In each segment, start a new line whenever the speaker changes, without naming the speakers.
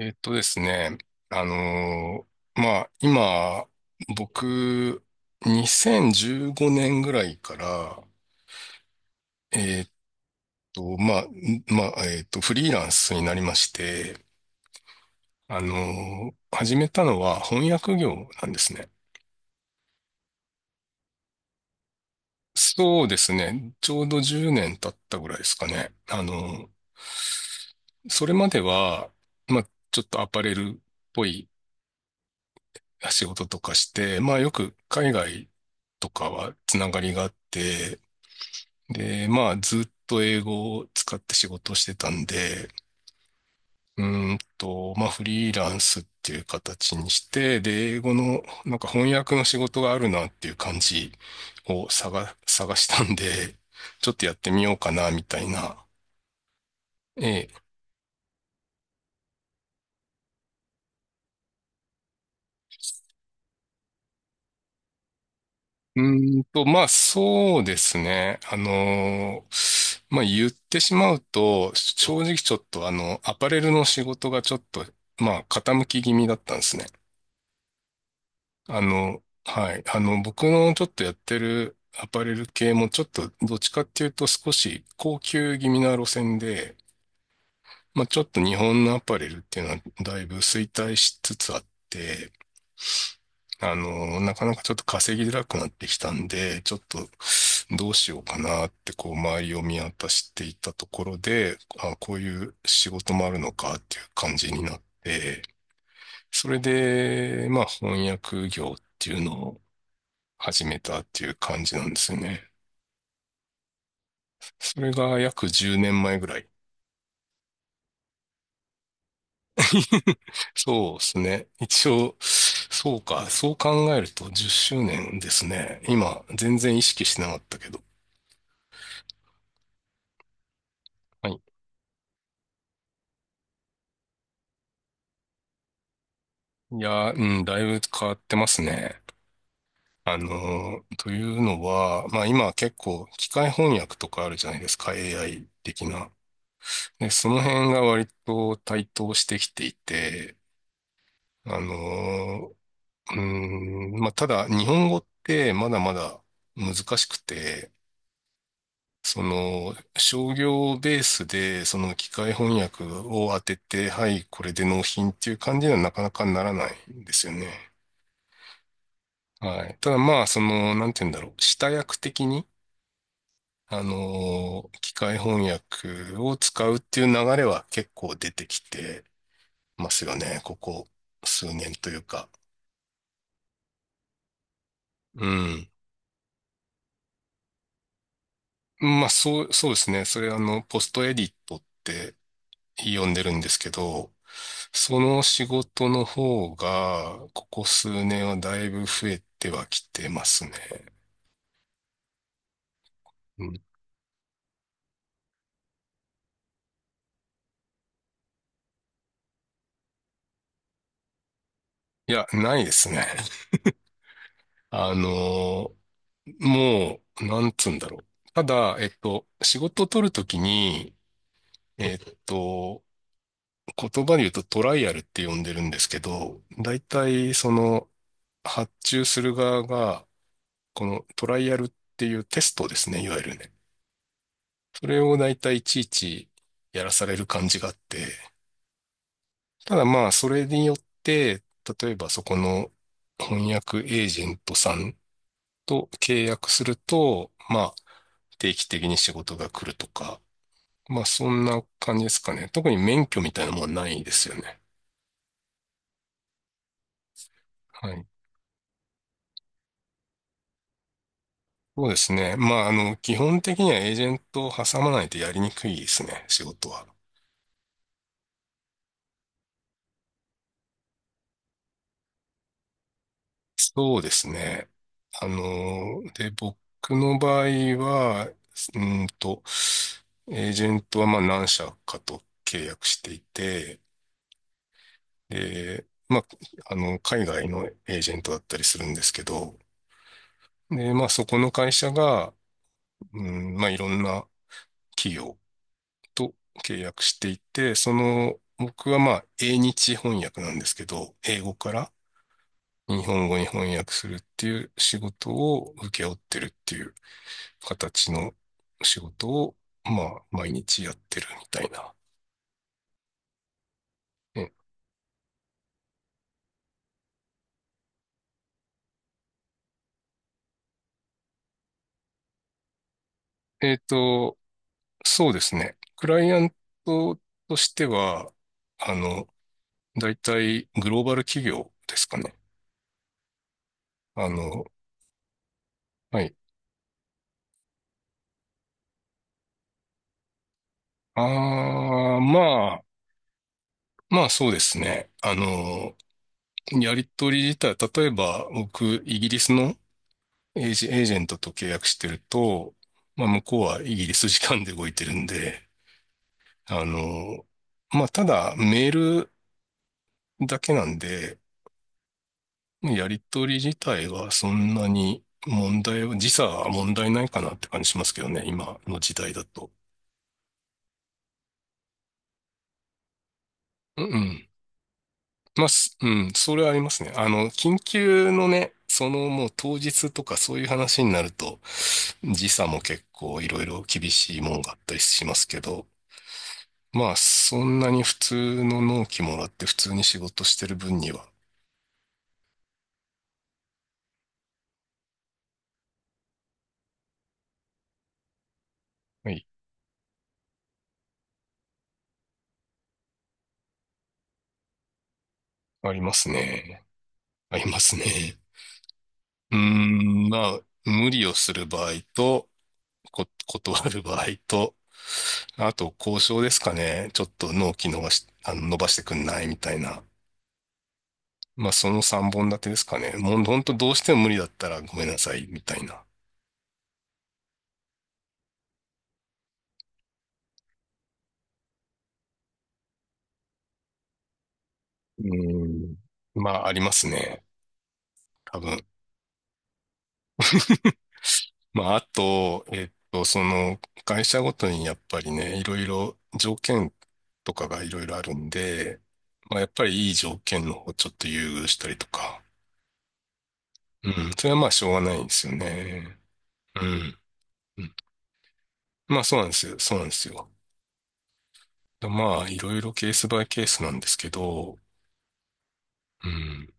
えっとですね、あのーまあ、今、僕、2015年ぐらいから、えっフリーランスになりまして、あの始めたのは翻訳業なんですね。そうですね、ちょうど10年経ったぐらいですかね。それまでは、まあ、ちょっとアパレルっぽい仕事とかして、まあよく海外とかはつながりがあって、で、まあずっと英語を使って仕事をしてたんで、まあフリーランスっていう形にして、で、英語のなんか翻訳の仕事があるなっていう感じを探したんで、ちょっとやってみようかなみたいな。ええ、まあそうですね。まあ言ってしまうと、正直ちょっとアパレルの仕事がちょっとまあ傾き気味だったんですね。あの、はい。あの、僕のちょっとやってるアパレル系もちょっとどっちかっていうと少し高級気味な路線で、まあちょっと日本のアパレルっていうのはだいぶ衰退しつつあって、あの、なかなかちょっと稼ぎづらくなってきたんで、ちょっとどうしようかなってこう周りを見渡していたところで、あ、こういう仕事もあるのかっていう感じになって、それで、まあ翻訳業っていうのを始めたっていう感じなんですよね。それが約10年前ぐらい。そうですね。一応、そうか、そう考えると10周年ですね。今、全然意識してなかったけど。はい、いや、うん、だいぶ変わってますね。あの、というのは、まあ今結構機械翻訳とかあるじゃないですか、AI 的な。で、その辺が割と台頭してきていて、あの、うん、まあただ日本語ってまだまだ難しくて、その商業ベースでその機械翻訳を当てて、はい、これで納品っていう感じにはなかなかならないんですよね。はい。ただまあ、その、なんて言うんだろう。下訳的に、機械翻訳を使うっていう流れは結構出てきてますよね。ここ数年というか。うん。そうですね。それ、あの、ポストエディットって呼んでるんですけど、その仕事の方が、ここ数年はだいぶ増えてはきてますね。うん、いや、ないですね。あのーもう、なんつうんだろう。ただ、仕事を取るときに、えっと、言葉で言うとトライアルって呼んでるんですけど、大体その発注する側が、このトライアルっていうテストですね、いわゆるね。それを大体いちいちやらされる感じがあって、ただまあ、それによって、例えばそこの翻訳エージェントさんと契約すると、まあ、定期的に仕事が来るとか、まあ、そんな感じですかね。特に免許みたいなものはないですよね。はい。そうですね。まあ、あの、基本的にはエージェントを挟まないとやりにくいですね、仕事は。そうですね。あの、で、僕の場合は、ーんと、エージェントはまあ何社かと契約していて、で、まあ、あの、海外のエージェントだったりするんですけど、で、まあそこの会社が、うん、まあいろんな企業と契約していて、その、僕はまあ、英日翻訳なんですけど、英語から日本語に翻訳するっていう仕事を請け負ってるっていう形の仕事を、まあ、毎日やってるみたいな。え、えっと、そうですね。クライアントとしては、あの、大体グローバル企業ですかね。あの、はい。ああ、まあそうですね。あの、やり取り自体、例えば僕、イギリスのエージェントと契約してると、まあ向こうはイギリス時間で動いてるんで、あの、まあただメールだけなんで、やり取り自体はそんなに問題は、時差は問題ないかなって感じしますけどね、今の時代だと。うん、うん、それはありますね。あの、緊急のね、そのもう当日とかそういう話になると、時差も結構いろいろ厳しいもんがあったりしますけど、まあ、そんなに普通の納期もらって普通に仕事してる分には、はい、ありますね。ありますね。うーん、まあ、無理をする場合と、断る場合と、あと交渉ですかね。ちょっと納期伸ばし、あの、伸ばしてくんないみたいな。まあ、その3本立てですかね。もう、ほどうしても無理だったらごめんなさい、みたいな。うん。まあ、ありますね。多分。まあ、あと、その、会社ごとにやっぱりね、いろいろ条件とかがいろいろあるんで、まあ、やっぱりいい条件の方をちょっと優遇したりとか。うん。それはまあ、しょうがないんですよね。うん。うん。まあ、そうなんですよ。そうなんですよ。まあ、いろいろケースバイケースなんですけど、うん。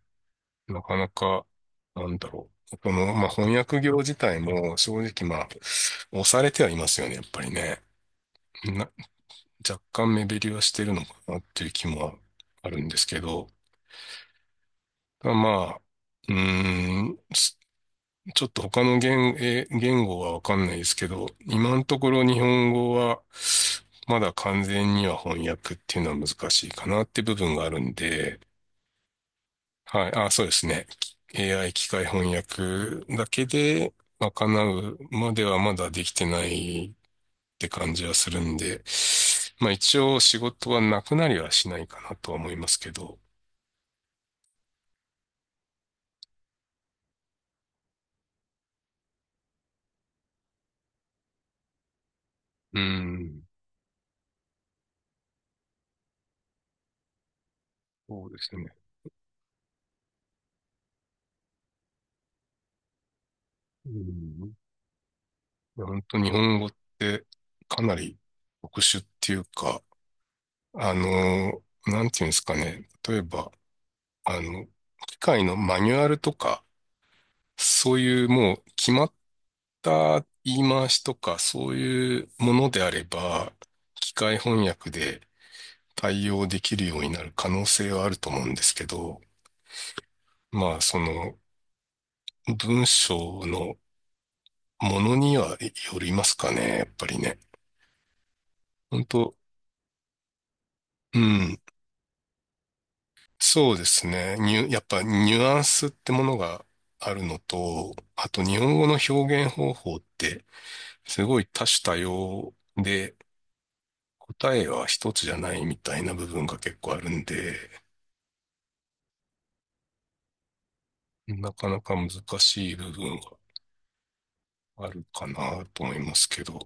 なかなか、なんだろう。この、まあ、翻訳業自体も正直まあ、押されてはいますよね、やっぱりね。な、若干目減りはしてるのかなっていう気もあるんですけど、ただまあ、うーん、すちょっと他の言語はわかんないですけど、今のところ日本語はまだ完全には翻訳っていうのは難しいかなって部分があるんで、はい。あ、そうですね。AI 機械翻訳だけで賄うまではまだできてないって感じはするんで、まあ一応仕事はなくなりはしないかなとは思いますけど、うん、そうですね。うん、いや本当日本語ってかなり特殊っていうか、あの、なんていうんですかね。例えば、あの、機械のマニュアルとか、そういうもう決まっった言い回しとかそういうものであれば、機械翻訳で対応できるようになる可能性はあると思うんですけど、まあその文章のものにはよりますかね、やっぱりね。本当、うん、そうですね。やっぱニュアンスってものがあるのと、あと日本語の表現方法ってすごい多種多様で、答えは一つじゃないみたいな部分が結構あるんで、なかなか難しい部分があるかなと思いますけど。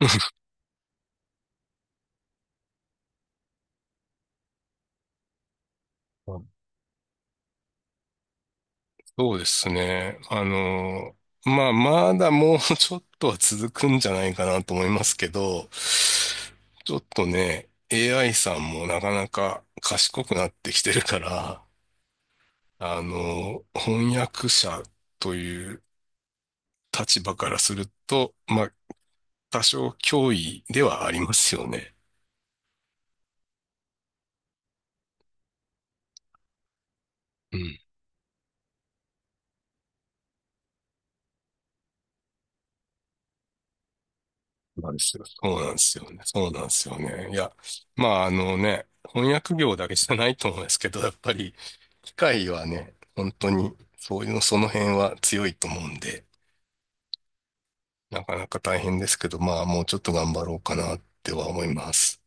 そうですね。あの、まあ、まだもうちょっとは続くんじゃないかなと思いますけど、ちょっとね、AI さんもなかなか賢くなってきてるから、あの、翻訳者という立場からすると、まあ、多少脅威ではありますよね。うん、なんですよ。そうなんですよね。そうなんですよね。いや、まああのね、翻訳業だけじゃないと思うんですけど、やっぱり機械はね、本当にそういうの、その辺は強いと思うんで、なかなか大変ですけど、まあもうちょっと頑張ろうかなっては思います。